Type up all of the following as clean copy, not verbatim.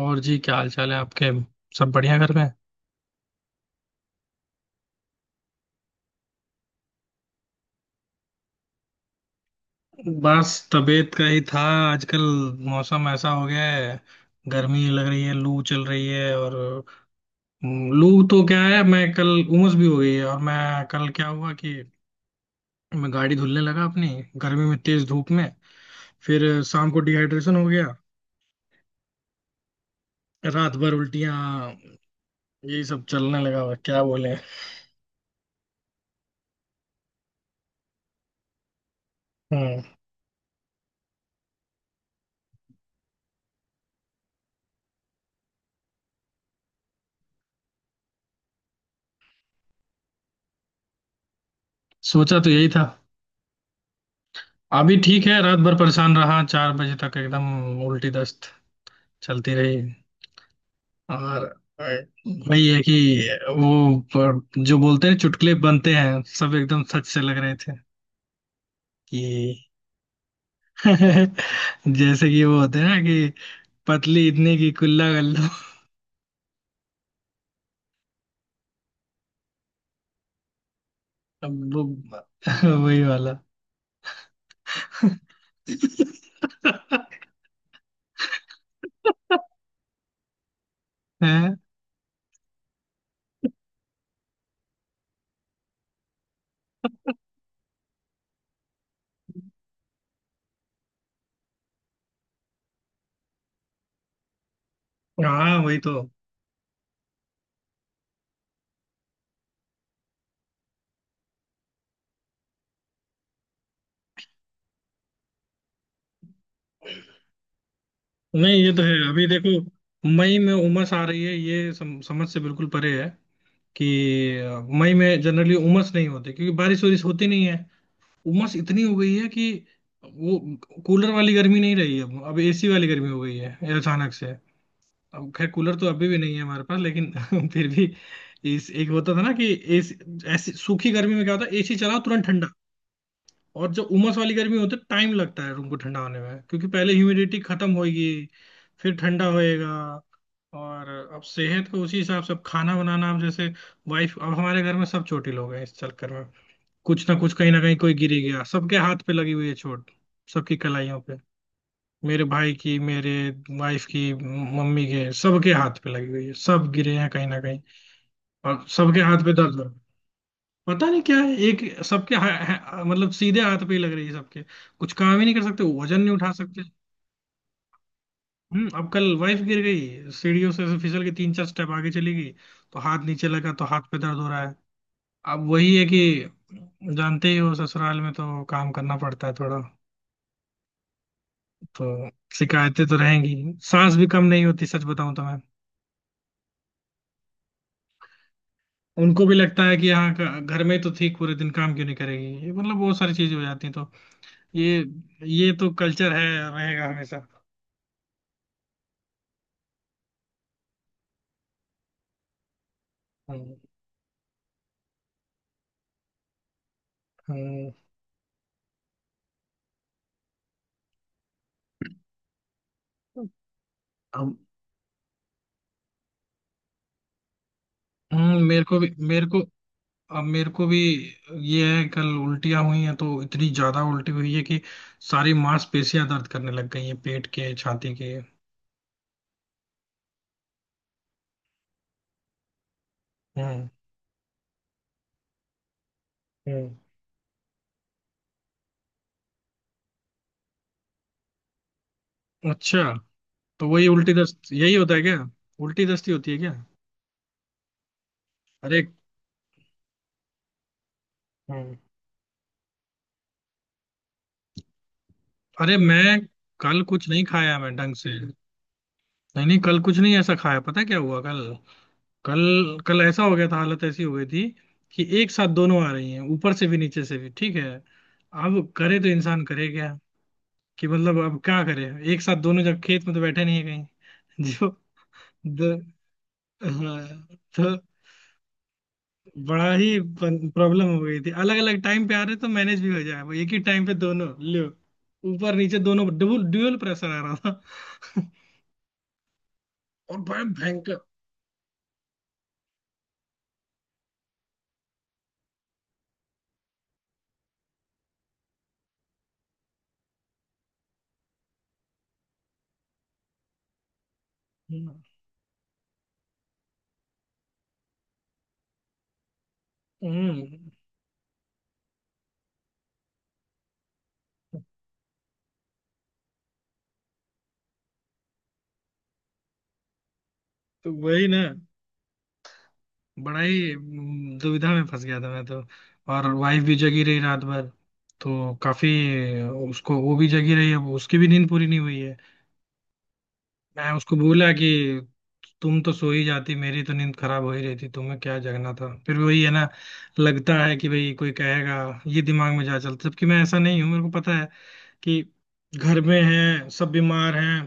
और जी, क्या हाल चाल है आपके। सब बढ़िया घर में। बस तबीयत का ही था आजकल। मौसम ऐसा हो गया है, गर्मी लग रही है, लू चल रही है। और लू तो क्या है, मैं कल उमस भी हो गई है। और मैं कल क्या हुआ कि मैं गाड़ी धुलने लगा अपनी, गर्मी में तेज धूप में। फिर शाम को डिहाइड्रेशन हो गया, रात भर उल्टियां यही सब चलने लगा। और क्या बोले। हम्म। सोचा तो यही था। अभी ठीक है, रात भर परेशान रहा 4 बजे तक, एकदम उल्टी दस्त चलती रही। और और वही है कि जो बोलते हैं, चुटकुले बनते हैं सब एकदम सच से लग रहे थे कि, जैसे कि वो होते हैं ना कि पतली इतनी की कुल्ला कर लो। अब वो वही वाला। हैं? हाँ, वही तो। नहीं, ये तो है। अभी देखो, मई में उमस आ रही है, ये समझ से बिल्कुल परे है कि, मई में जनरली उमस नहीं होती क्योंकि बारिश वारिश होती नहीं है। उमस इतनी हो गई है कि वो कूलर वाली गर्मी नहीं रही है, अब एसी वाली गर्मी हो गई है अचानक से। अब खैर कूलर तो अभी भी नहीं है हमारे पास, लेकिन फिर भी। इस एक होता था ना कि एसी, ऐसी सूखी गर्मी में क्या होता है, एसी चलाओ तुरंत ठंडा। और जब उमस वाली गर्मी होती है, टाइम लगता है रूम को ठंडा होने में, क्योंकि पहले ह्यूमिडिटी खत्म होगी फिर ठंडा होएगा। और अब सेहत को उसी हिसाब से, अब खाना बनाना, अब जैसे वाइफ, अब हमारे घर में सब छोटी लोग हैं इस चक्कर में, कुछ ना कुछ कहीं ना कहीं कोई गिर ही गया, सबके हाथ पे लगी हुई है चोट, सबकी कलाइयों पे। मेरे भाई की, मेरे वाइफ की, मम्मी के, सबके हाथ पे लगी हुई है, सब गिरे हैं कहीं ना कहीं, और सबके हाथ पे दर्द हो रहा है। पता नहीं क्या है, एक सबके हा, हा, मतलब सीधे हाथ पे ही लग रही है सबके, कुछ काम ही नहीं कर सकते, वजन नहीं उठा सकते। हम्म। अब कल वाइफ गिर गई सीढ़ियों से, ऐसे फिसल के तीन चार स्टेप आगे चली गई, तो हाथ नीचे लगा तो हाथ पे दर्द हो रहा है। अब वही है कि जानते ही हो ससुराल में तो काम करना पड़ता है थोड़ा, तो शिकायतें तो रहेंगी। सांस भी कम नहीं होती सच बताऊं तो मैं, उनको भी लगता है कि यहाँ का, घर में तो ठीक, पूरे दिन काम क्यों नहीं करेगी ये, मतलब बहुत सारी चीजें हो जाती हैं। तो ये ये तो कल्चर है, रहेगा हमेशा। हम्म। हम्म। हम- मेरे को भी, मेरे को भी ये है, कल उल्टियाँ हुई हैं तो इतनी ज्यादा उल्टी हुई है कि सारी मांसपेशियां दर्द करने लग गई हैं, पेट के छाती के। हम्म। हम्म। अच्छा। तो वही उल्टी दस्त यही होता है क्या, उल्टी दस्ती होती है क्या। अरे। हम्म। अरे मैं कल कुछ नहीं खाया मैं ढंग से। नहीं नहीं, कल कुछ नहीं ऐसा खाया। पता है क्या हुआ कल, कल कल ऐसा हो गया था, हालत ऐसी हो गई थी कि एक साथ दोनों आ रही हैं ऊपर से भी नीचे से भी। ठीक है, अब करे तो इंसान करे क्या, कि मतलब अब क्या करे, एक साथ दोनों, जब खेत में तो बैठे नहीं है कहीं जो, द, हाँ, तो बड़ा ही प्रॉब्लम हो गई थी, अलग अलग टाइम पे आ रहे तो मैनेज भी हो जाए, वो एक ही टाइम पे दोनों, लो, ऊपर नीचे दोनों डबल ड्यूअल प्रेशर आ रहा था, और बड़ा भयंकर। हम्म। हम्म। तो वही ना, बड़ा ही दुविधा में फंस गया था मैं तो। और वाइफ भी जगी रही रात भर, तो काफी, उसको, वो भी जगी रही है, उसकी भी नींद पूरी नहीं हुई है। मैं उसको बोला कि तुम तो सो ही जाती, मेरी तो नींद खराब हो ही रही थी, तुम्हें क्या जगना था। फिर वही है ना, लगता है कि भाई कोई कहेगा, ये दिमाग में जा चलता, जबकि मैं ऐसा नहीं हूँ, मेरे को पता है कि घर में है, सब बीमार हैं,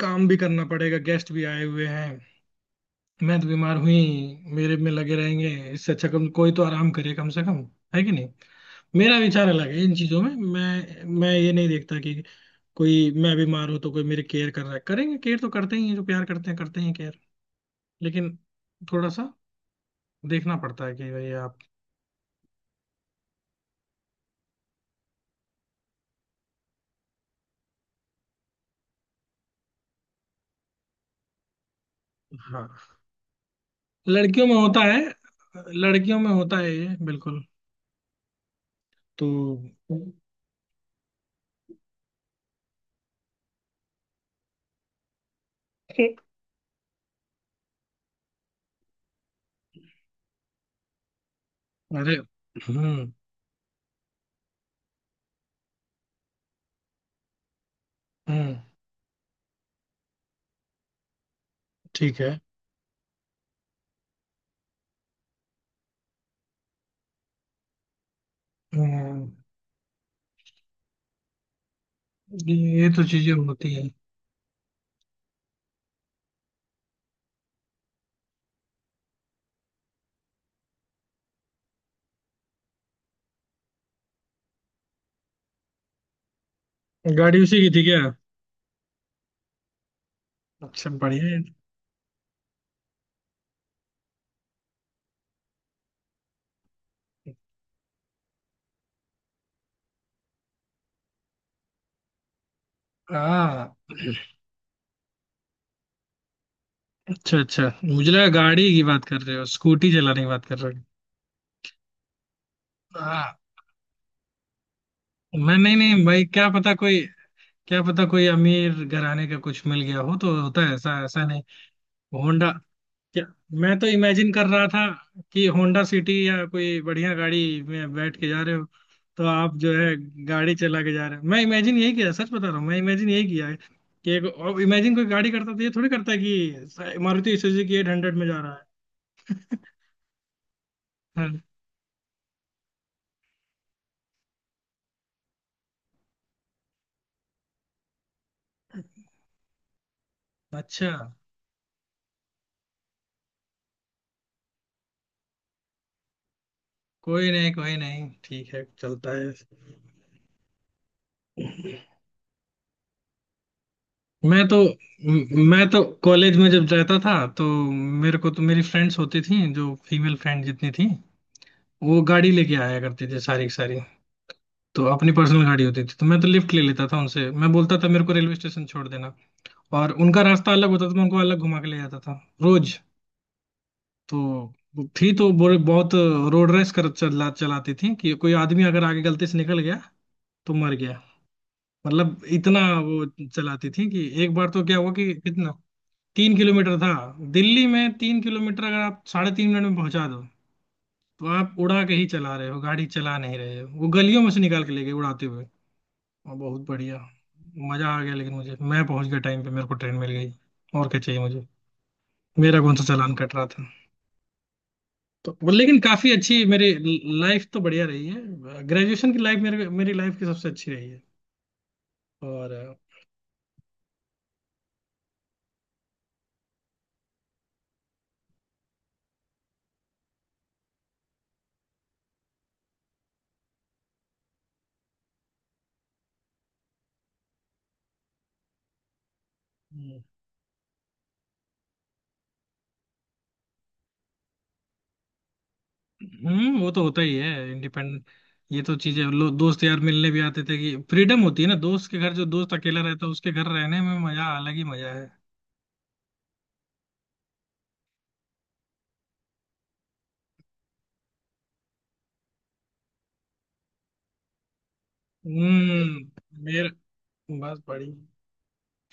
काम भी करना पड़ेगा, गेस्ट भी आए हुए हैं, मैं तो बीमार हुई, मेरे में लगे रहेंगे, इससे अच्छा कम कोई तो आराम करे कम से कम, है कि नहीं। मेरा विचार अलग है इन चीजों में, मैं ये नहीं देखता कि कोई, मैं बीमार हूं तो कोई मेरी केयर कर रहा है, करेंगे, केयर तो करते ही हैं जो प्यार करते हैं, करते ही हैं केयर। लेकिन थोड़ा सा देखना पड़ता है कि भाई आप, हाँ, लड़कियों में होता है। लड़कियों में होता है ये, बिल्कुल। तो ठीक। अरे। हम्म। हम्म। ठीक है। हम्म। ये तो चीजें होती है। गाड़ी उसी की थी क्या। अच्छा बढ़िया है। हाँ। अच्छा अच्छा, मुझे लगा गाड़ी की बात कर रहे हो, स्कूटी चलाने की बात कर रहे हो। हाँ। मैं, नहीं नहीं भाई क्या पता कोई, क्या पता कोई अमीर घराने का कुछ मिल गया हो, तो होता है ऐसा, ऐसा नहीं। होंडा? क्या? मैं तो इमेजिन कर रहा था कि होंडा सिटी या कोई बढ़िया गाड़ी में बैठ के जा रहे हो। तो आप जो है गाड़ी चला के जा रहे हो, मैं इमेजिन यही किया, सच बता रहा हूँ, मैं इमेजिन यही किया है कि, एक और इमेजिन, कोई गाड़ी करता तो ये थोड़ी करता है कि मारुति सुजुकी 800 में जा रहा है। हाँ। अच्छा। कोई नहीं कोई नहीं, ठीक है चलता है। मैं तो, मैं तो कॉलेज में जब जाता था तो मेरे को तो मेरी फ्रेंड्स होती थी, जो फीमेल फ्रेंड जितनी थी वो गाड़ी लेके आया करती थी सारी की सारी। तो अपनी पर्सनल गाड़ी होती थी, तो मैं तो लिफ्ट ले लेता था उनसे, मैं बोलता था मेरे को रेलवे स्टेशन छोड़ देना, और उनका रास्ता अलग होता था, मैं उनको अलग घुमा के ले जाता था रोज। तो वो थी तो बहुत रोड रेस कर चला चलाती थी, कि कोई आदमी अगर आगे गलती से निकल गया तो मर गया, मतलब इतना वो चलाती थी, कि एक बार तो क्या हुआ कि, कितना, 3 किलोमीटर था, दिल्ली में 3 किलोमीटर अगर आप साढ़े 3 मिनट में पहुंचा दो तो आप उड़ा के ही चला रहे हो, गाड़ी चला नहीं रहे हो। वो गलियों में से निकाल के ले गए उड़ाते हुए। हाँ, बहुत बढ़िया, मजा आ गया। लेकिन मुझे, मैं पहुंच गया टाइम पे, मेरे को ट्रेन मिल गई, और क्या चाहिए मुझे, मेरा कौन सा चालान कट रहा था। तो वो लेकिन काफी अच्छी मेरी लाइफ तो बढ़िया रही है, ग्रेजुएशन की लाइफ, मेरे, मेरी लाइफ की सबसे अच्छी रही है। और हम्म। वो तो होता ही है इंडिपेंडेंट। ये तो चीजें, लोग, दोस्त यार मिलने भी आते थे कि, फ्रीडम होती है ना दोस्त के घर, जो दोस्त अकेला रहता है उसके घर रहने में मजा, अलग ही मजा है। हम्म। मेरा, बस बढ़िया,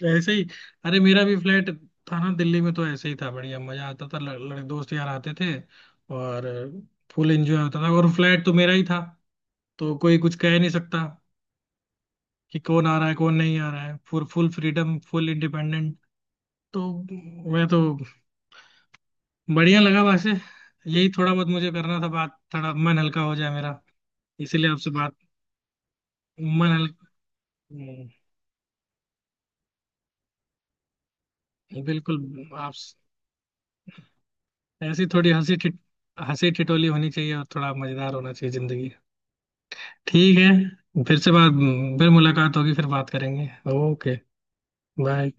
ऐसे ही। अरे मेरा भी फ्लैट था ना दिल्ली में, तो ऐसे ही था, बढ़िया मजा आता था, लड़, लड़, दोस्त यार आते थे, और फुल एंजॉय होता था, और फ्लैट तो मेरा ही था, तो कोई कुछ कह नहीं सकता कि कौन आ रहा है कौन नहीं आ रहा है, full full freedom full independent. तो मैं तो, बढ़िया लगा वैसे, यही थोड़ा बहुत मुझे करना था बात, थोड़ा मन हल्का हो जाए मेरा, इसीलिए आपसे बात। मन हल्का, बिल्कुल। आप, ऐसी थोड़ी हंसी ठिठोली होनी चाहिए, और थोड़ा मजेदार होना चाहिए जिंदगी। ठीक है, फिर से बात, फिर मुलाकात होगी, फिर बात करेंगे। ओके। बाय।